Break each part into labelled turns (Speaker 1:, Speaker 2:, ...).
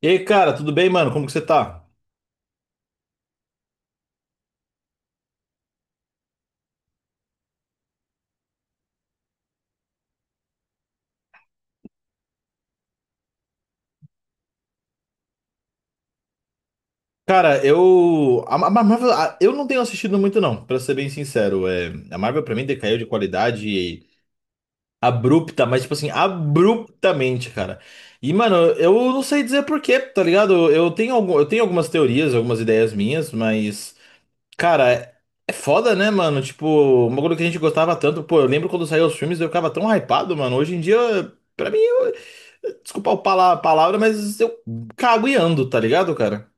Speaker 1: E aí, cara, tudo bem, mano? Como que você tá? A Marvel. Eu não tenho assistido muito, não, pra ser bem sincero. A Marvel, pra mim, decaiu de qualidade abrupta, mas, tipo assim, abruptamente, cara. E, mano, eu não sei dizer por quê, tá ligado? Eu tenho algumas teorias, algumas ideias minhas, mas. Cara, é, é foda, né, mano? Tipo, uma coisa que a gente gostava tanto. Pô, eu lembro quando saiu os filmes, eu ficava tão hypado, mano. Hoje em dia, pra mim, desculpa o pala- palavra, mas eu cago e ando, tá ligado, cara?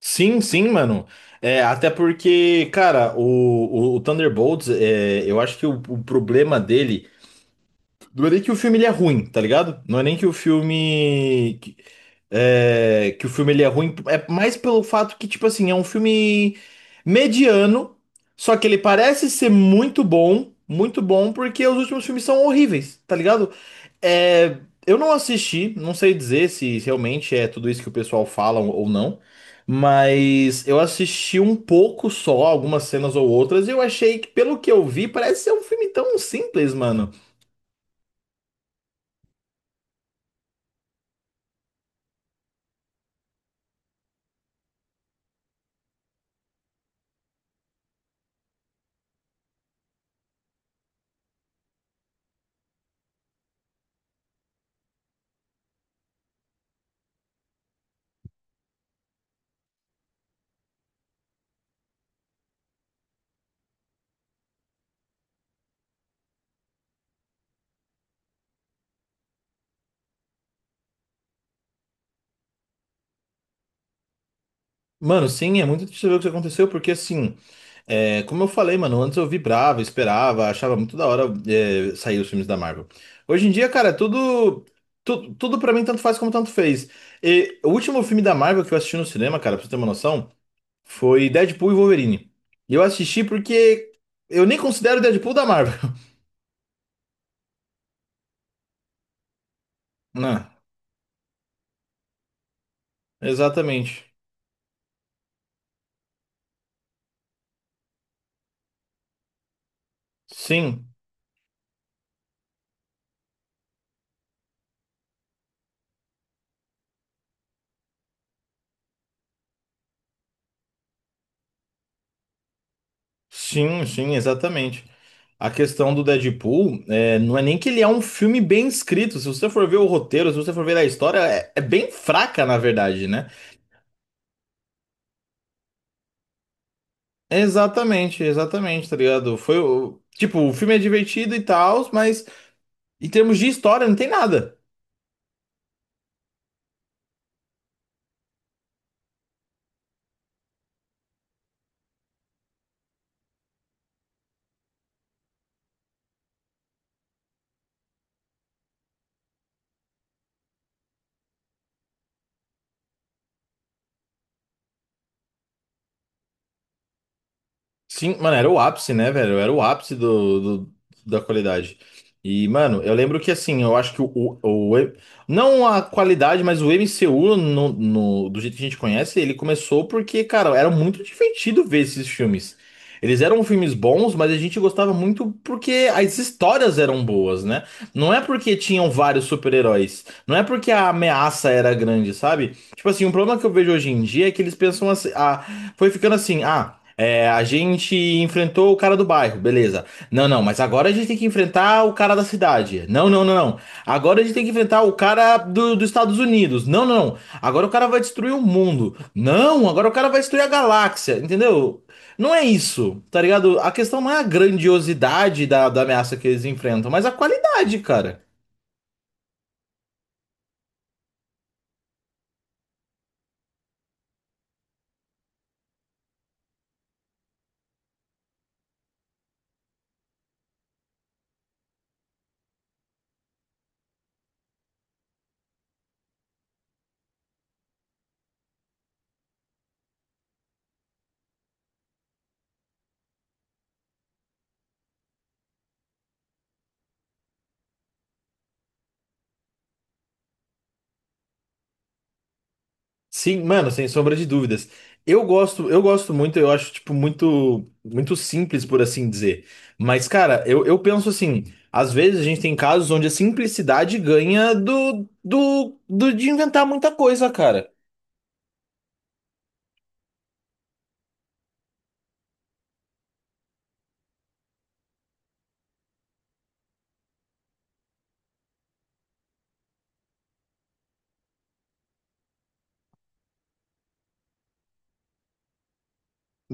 Speaker 1: Sim, sim, mano. É, até porque, cara, o Thunderbolts, é, eu acho que o problema dele não é nem que o filme ele é ruim, tá ligado? Não é nem que o filme. Que o filme ele é ruim, é mais pelo fato que, tipo assim, é um filme mediano, só que ele parece ser muito bom, porque os últimos filmes são horríveis, tá ligado? É, eu não assisti, não sei dizer se realmente é tudo isso que o pessoal fala ou não, mas eu assisti um pouco só, algumas cenas ou outras, e eu achei que, pelo que eu vi, parece ser um filme tão simples, mano. Mano, sim, é muito triste ver o que aconteceu, porque assim, é, como eu falei, mano, antes eu vibrava, esperava, achava muito da hora, é, sair os filmes da Marvel. Hoje em dia, cara, tudo. Tudo, tudo pra mim tanto faz como tanto fez. E o último filme da Marvel que eu assisti no cinema, cara, pra você ter uma noção. Foi Deadpool e Wolverine. E eu assisti porque eu nem considero Deadpool da Marvel. Não, exatamente. Sim, sim, exatamente. A questão do Deadpool é, não é nem que ele é um filme bem escrito. Se você for ver o roteiro, se você for ver a história, é, é bem fraca, na verdade, né? Exatamente, exatamente, tá ligado? Foi o. Tipo, o filme é divertido e tal, mas em termos de história não tem nada. Sim, mano, era o ápice, né, velho? Era o ápice do- da qualidade. E, mano, eu lembro que, assim, eu acho que o, o- não a qualidade, mas o MCU, do jeito que a gente conhece, ele começou porque, cara, era muito divertido ver esses filmes. Eles eram filmes bons, mas a gente gostava muito porque as histórias eram boas, né? Não é porque tinham vários super-heróis. Não é porque a ameaça era grande, sabe? Tipo assim, um problema que eu vejo hoje em dia é que eles pensam assim, ah, foi ficando assim, ah. É, a gente enfrentou o cara do bairro, beleza. Não, não, mas agora a gente tem que enfrentar o cara da cidade. Não, não, não, não. Agora a gente tem que enfrentar o cara dos Estados Unidos. Não, não, não. Agora o cara vai destruir o mundo. Não, agora o cara vai destruir a galáxia, entendeu? Não é isso, tá ligado? A questão não é a grandiosidade da ameaça que eles enfrentam, mas a qualidade, cara. Sim, mano, sem sombra de dúvidas. Eu gosto muito, eu acho, tipo, muito, muito simples, por assim dizer. Mas, cara, eu penso assim, às vezes a gente tem casos onde a simplicidade ganha do de inventar muita coisa, cara.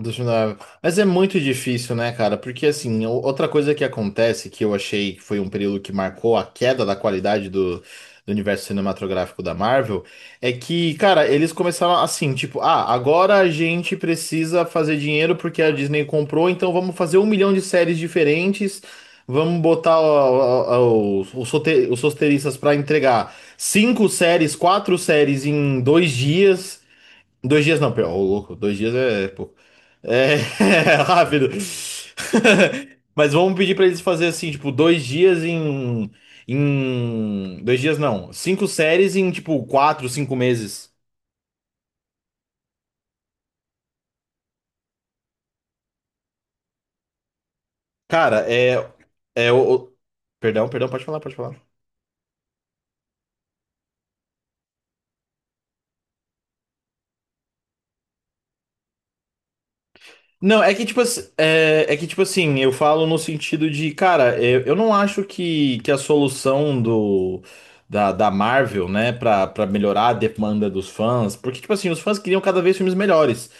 Speaker 1: Questionável. Mas é muito difícil, né, cara? Porque, assim, o- outra coisa que acontece, que eu achei que foi um período que marcou a queda da qualidade do universo cinematográfico da Marvel, é que, cara, eles começaram assim, tipo, ah, agora a gente precisa fazer dinheiro porque a Disney comprou, então vamos fazer um milhão de séries diferentes, vamos botar ó, os rote- os roteiristas pra entregar cinco séries, quatro séries em dois dias. Dois dias não, pera, ô louco, dois dias é pouco. É, rápido. Mas vamos pedir pra eles fazer assim, tipo, dois dias em, em, dois dias não, cinco séries em tipo quatro, cinco meses. Cara, é, é perdão, perdão, pode falar, pode falar. Não, é que tipo, ass- é, é que, tipo assim, eu falo no sentido de, cara, é, eu não acho que a solução da Marvel, né, pra melhorar a demanda dos fãs, porque, tipo assim, os fãs queriam cada vez filmes melhores.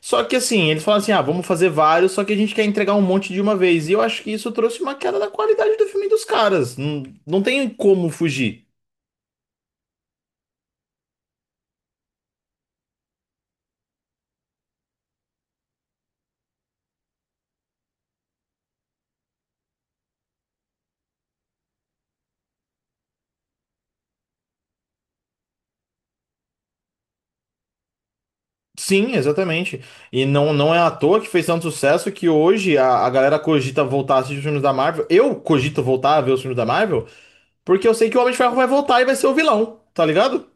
Speaker 1: Só que assim, eles falam assim, ah, vamos fazer vários, só que a gente quer entregar um monte de uma vez. E eu acho que isso trouxe uma queda da qualidade do filme dos caras. Não, não tem como fugir. Sim, exatamente. E não, não é à toa que fez tanto sucesso que hoje a galera cogita voltar a assistir os filmes da Marvel. Eu cogito voltar a ver os filmes da Marvel, porque eu sei que o Homem de Ferro vai voltar e vai ser o vilão, tá ligado?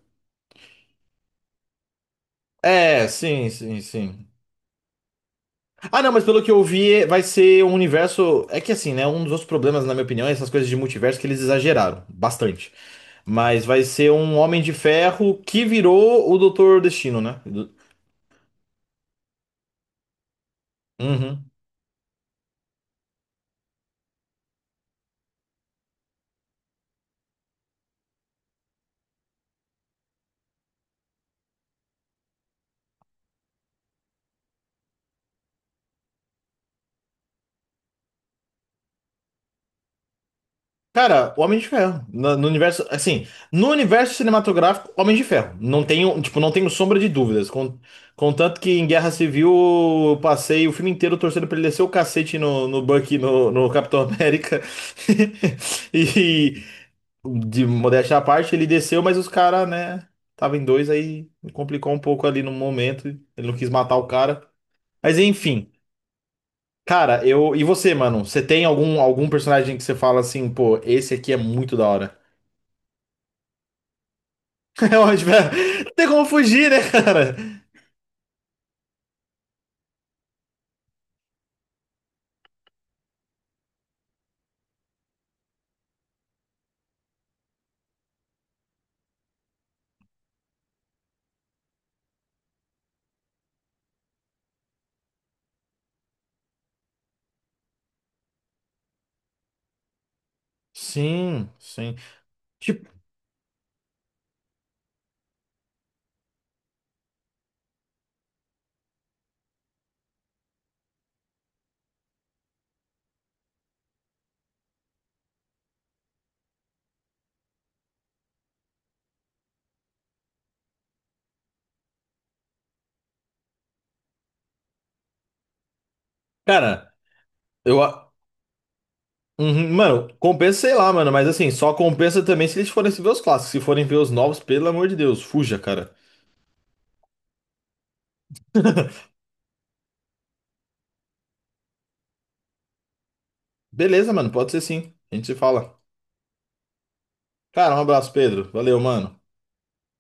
Speaker 1: É, sim. Ah, não, mas pelo que eu vi, é, vai ser um universo. É que assim, né? Um dos outros problemas, na minha opinião, é essas coisas de multiverso que eles exageraram bastante. Mas vai ser um Homem de Ferro que virou o Doutor Destino, né? Uhum. Cara, Homem de Ferro. No universo, assim, no universo cinematográfico, Homem de Ferro. Não tenho, tipo, não tenho sombra de dúvidas. Con- Contanto que em Guerra Civil eu passei o filme inteiro torcendo pra ele descer o cacete no Bucky, no Capitão América. E, de modéstia à parte, ele desceu, mas os caras, né, tava em dois, aí complicou um pouco ali no momento. Ele não quis matar o cara. Mas enfim. Cara, eu. E você, mano? Você tem algum, algum personagem que você fala assim, pô, esse aqui é muito da hora? É ótimo, é. Não tem como fugir, né, cara? Sim, sim. Tipo, cara, eu. A- Uhum, mano, compensa, sei lá, mano, mas assim, só compensa também se eles forem ver os clássicos. Se forem ver os novos, pelo amor de Deus, fuja, cara. Beleza, mano, pode ser sim. A gente se fala. Cara, um abraço, Pedro. Valeu, mano.